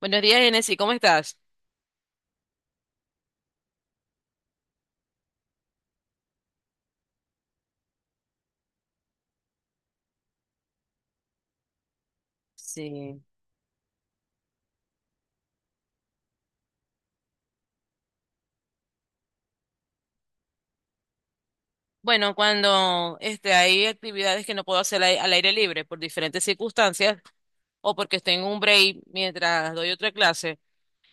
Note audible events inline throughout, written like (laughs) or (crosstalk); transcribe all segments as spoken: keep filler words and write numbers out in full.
Buenos días, Genesis, ¿cómo estás? Sí, bueno, cuando este, hay actividades que no puedo hacer ai- al aire libre por diferentes circunstancias o porque estoy en un break mientras doy otra clase,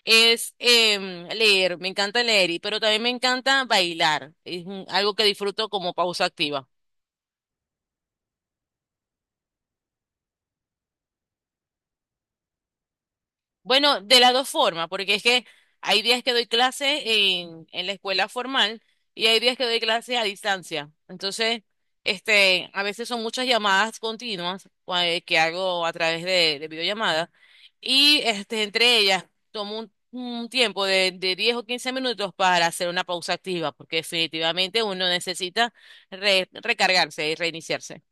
es em, leer. Me encanta leer, y- pero también me encanta bailar, es un- algo que disfruto como pausa activa. Bueno, de las dos formas, porque es que hay días que doy clases en, en la escuela formal y hay días que doy clases a distancia. Entonces, este, a veces son muchas llamadas continuas cua- eh, que hago a través de, de videollamadas, y este, entre ellas tomo un, un tiempo de, de diez o quince minutos para hacer una pausa activa, porque definitivamente uno necesita re- recargarse y reiniciarse.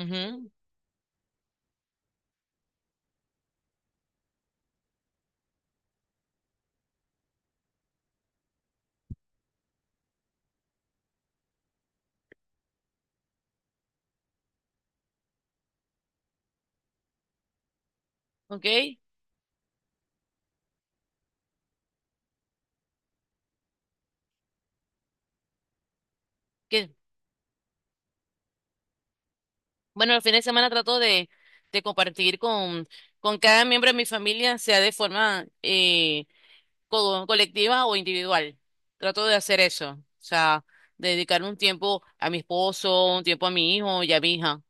Ujú. ¿Ok? ¿Qué? Bueno, el fin de semana trato de, de compartir con, con cada miembro de mi familia, sea de forma eh, co- colectiva o individual. Trato de hacer eso, o sea, dedicar un tiempo a mi esposo, un tiempo a mi hijo y a mi hija,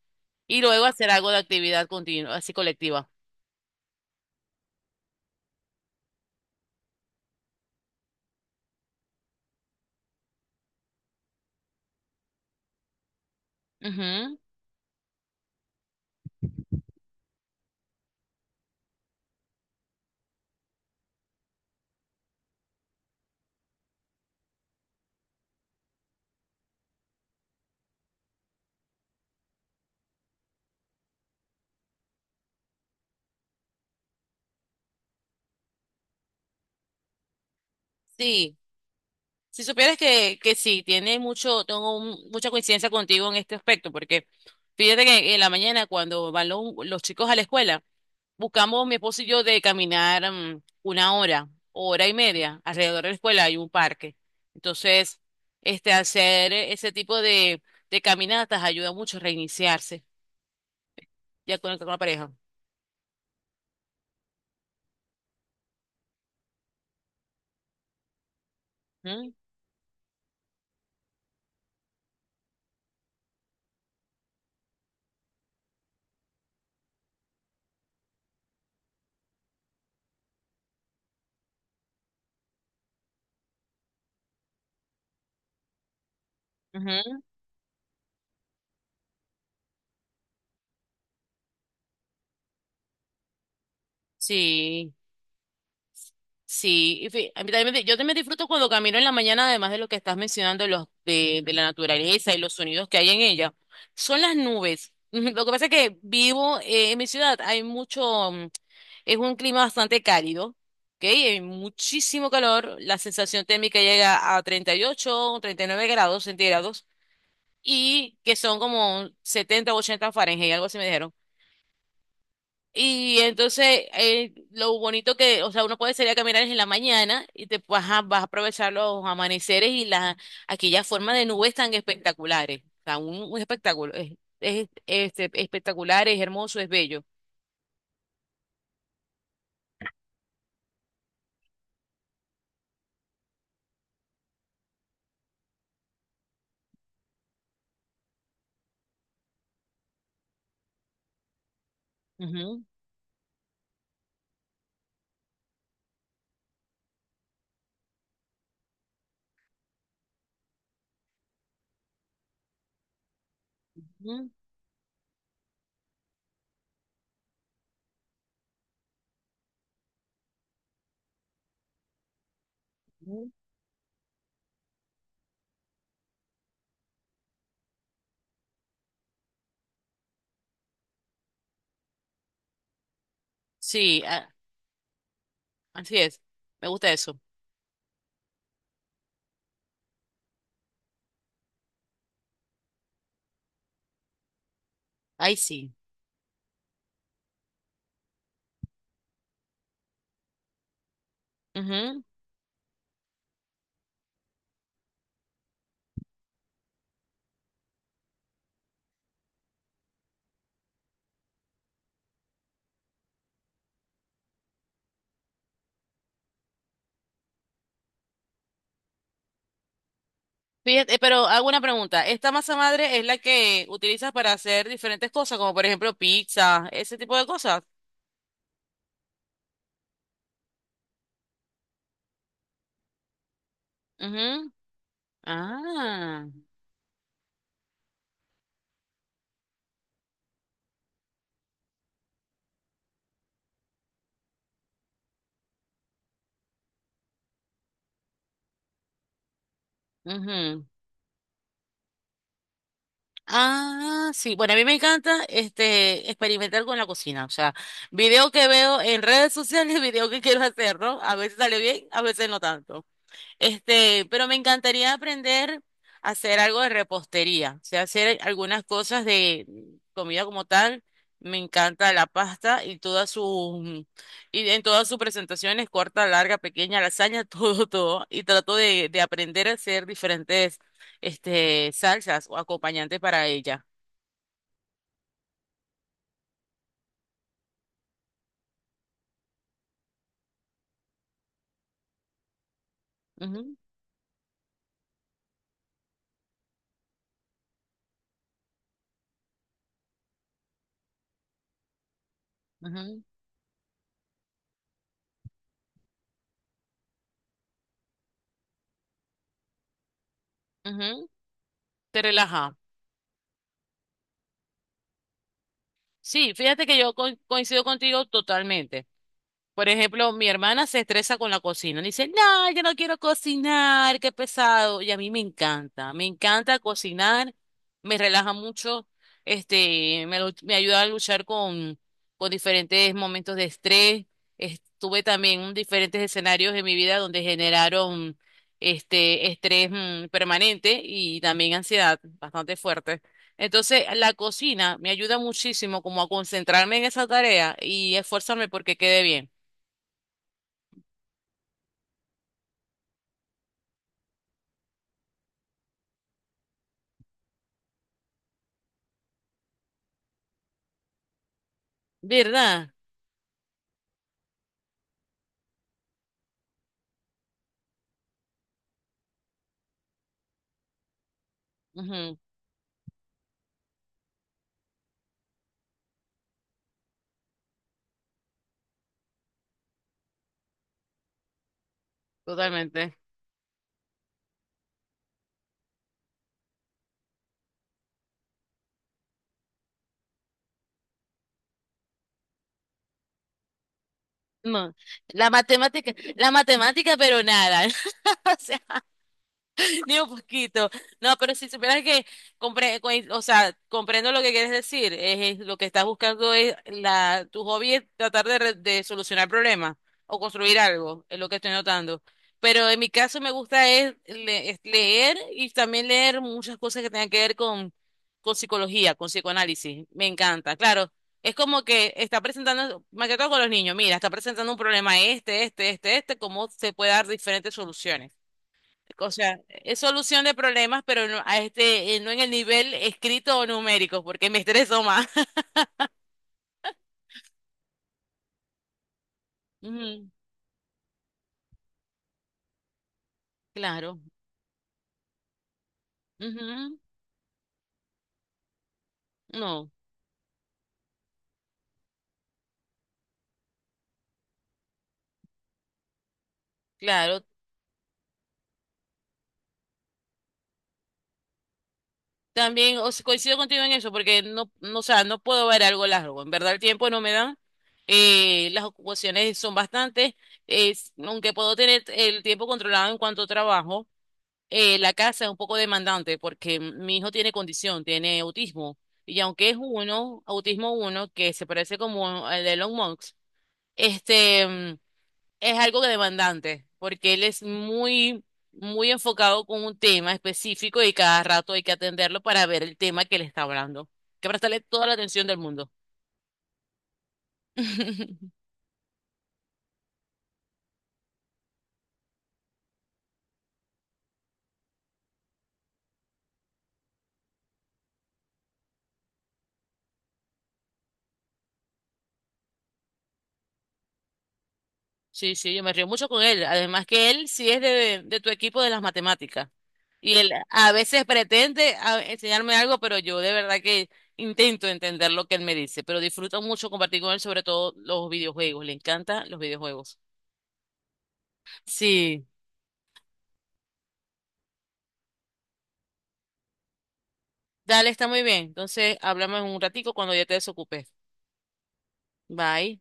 y luego hacer algo de actividad continua, así colectiva. Ujú. Sí, si supieras que, que sí, tiene mucho, tengo un- mucha coincidencia contigo en este aspecto, porque fíjate que en la mañana cuando van lo- los chicos a la escuela, buscamos mi esposo y yo de caminar mm, una hora, hora y media. Alrededor de la escuela hay un parque. Entonces, este, hacer ese tipo de, de caminatas ayuda mucho a reiniciarse, ya con, con la pareja. Ujú, ujú. Sí. Sí, y fi- a mí también me- yo también disfruto cuando camino en la mañana, además de lo que estás mencionando, los de, de la naturaleza y los sonidos que hay en ella. Son las nubes. (laughs) Lo que pasa es que vivo eh, en mi ciudad, hay mucho, mm, es un clima bastante cálido, ¿ok? Hay muchísimo calor, la sensación térmica llega a treinta y ocho o treinta y nueve grados centígrados y que son como setenta o ochenta Fahrenheit, algo así me dijeron. Y entonces, eh, lo bonito que, o sea, uno puede salir a caminar en la mañana y te vas a, vas a aprovechar los amaneceres y las aquellas formas de nubes tan espectaculares. O sea, un, un espectáculo. Es, es, este, espectacular, es hermoso, es bello. Ujú, ujú, ujú. Sí, a- así es. Me gusta eso. Ahí sí. Ujú. Fíjate, eh, pero hago una pregunta. ¿Esta masa madre es la que utilizas para hacer diferentes cosas, como por ejemplo pizza, ese tipo de cosas? Ujú. Ah. Ujú. Ah, sí. Bueno, a mí me encanta este experimentar con la cocina. O sea, video que veo en redes sociales, (laughs) video que quiero hacer, ¿no? A veces sale bien, a veces no tanto. Este, pero me encantaría aprender a hacer algo de repostería, o sea, hacer algunas cosas de comida como tal. Me encanta la pasta y todas sus y en todas sus presentaciones, corta, larga, pequeña, lasaña, (laughs) todo, todo. Y trato de, de aprender a hacer diferentes este, salsas o acompañantes para ella. Ujú, ujú, ujú. Te relaja. Sí, fíjate que yo co- coincido contigo totalmente. Por ejemplo, mi hermana se estresa con la cocina. Dice, no, yo no quiero cocinar, qué pesado. Y a mí me encanta, me encanta cocinar, me relaja mucho, este, me, lu- me ayuda a luchar con, con diferentes momentos de estrés. Estuve también en diferentes escenarios de mi vida donde generaron este estrés mm, permanente, y también ansiedad bastante fuerte. Entonces, la cocina me ayuda muchísimo como a concentrarme en esa tarea y esforzarme porque quede bien. ¿Verdad? Ujú, totalmente. No, la matemática, la matemática, pero nada. (laughs) O sea, (laughs) ni un poquito. No, pero si supieras que compre, co- o sea, comprendo lo que quieres decir. Es, es lo que estás buscando es la, tu hobby es tratar de, re- de solucionar problemas o construir algo, es lo que estoy notando. Pero en mi caso me gusta es, le- es leer, y también leer muchas cosas que tengan que ver con, con psicología, con psicoanálisis. Me encanta. Claro, es como que está presentando, más que todo con los niños, mira, está presentando un problema este, este, este, este, cómo se puede dar diferentes soluciones. O sea, es solución de problemas, pero no, a este, eh, no en el nivel escrito o numérico, porque me estreso más. (laughs) Ujú, claro. Ujú. No, claro. También, o sea, coincido contigo en eso, porque no, no, o sea, no puedo ver algo largo. En verdad, el tiempo no me dan. Eh, las ocupaciones son bastantes. Es- aunque puedo tener el tiempo controlado en cuanto trabajo, eh, la casa es un poco demandante porque mi hijo tiene condición, tiene autismo. Y aunque es uno, autismo uno, que se parece como al de Elon Musk, este, mm, es algo que demandante porque él es muy, muy enfocado con un tema específico, y cada rato hay que atenderlo para ver el tema que le está hablando. Que prestarle toda la atención del mundo. (laughs) Sí, sí, yo me río mucho con él. Además, que él sí es de, de tu equipo de las matemáticas. Y él a veces pretende a- enseñarme algo, pero yo de verdad que intento entender lo que él me dice, pero disfruto mucho compartir con él, sobre todo los videojuegos. Le encantan los videojuegos. Sí, dale, está muy bien. Entonces, hablamos en un ratico cuando ya te desocupes. Bye.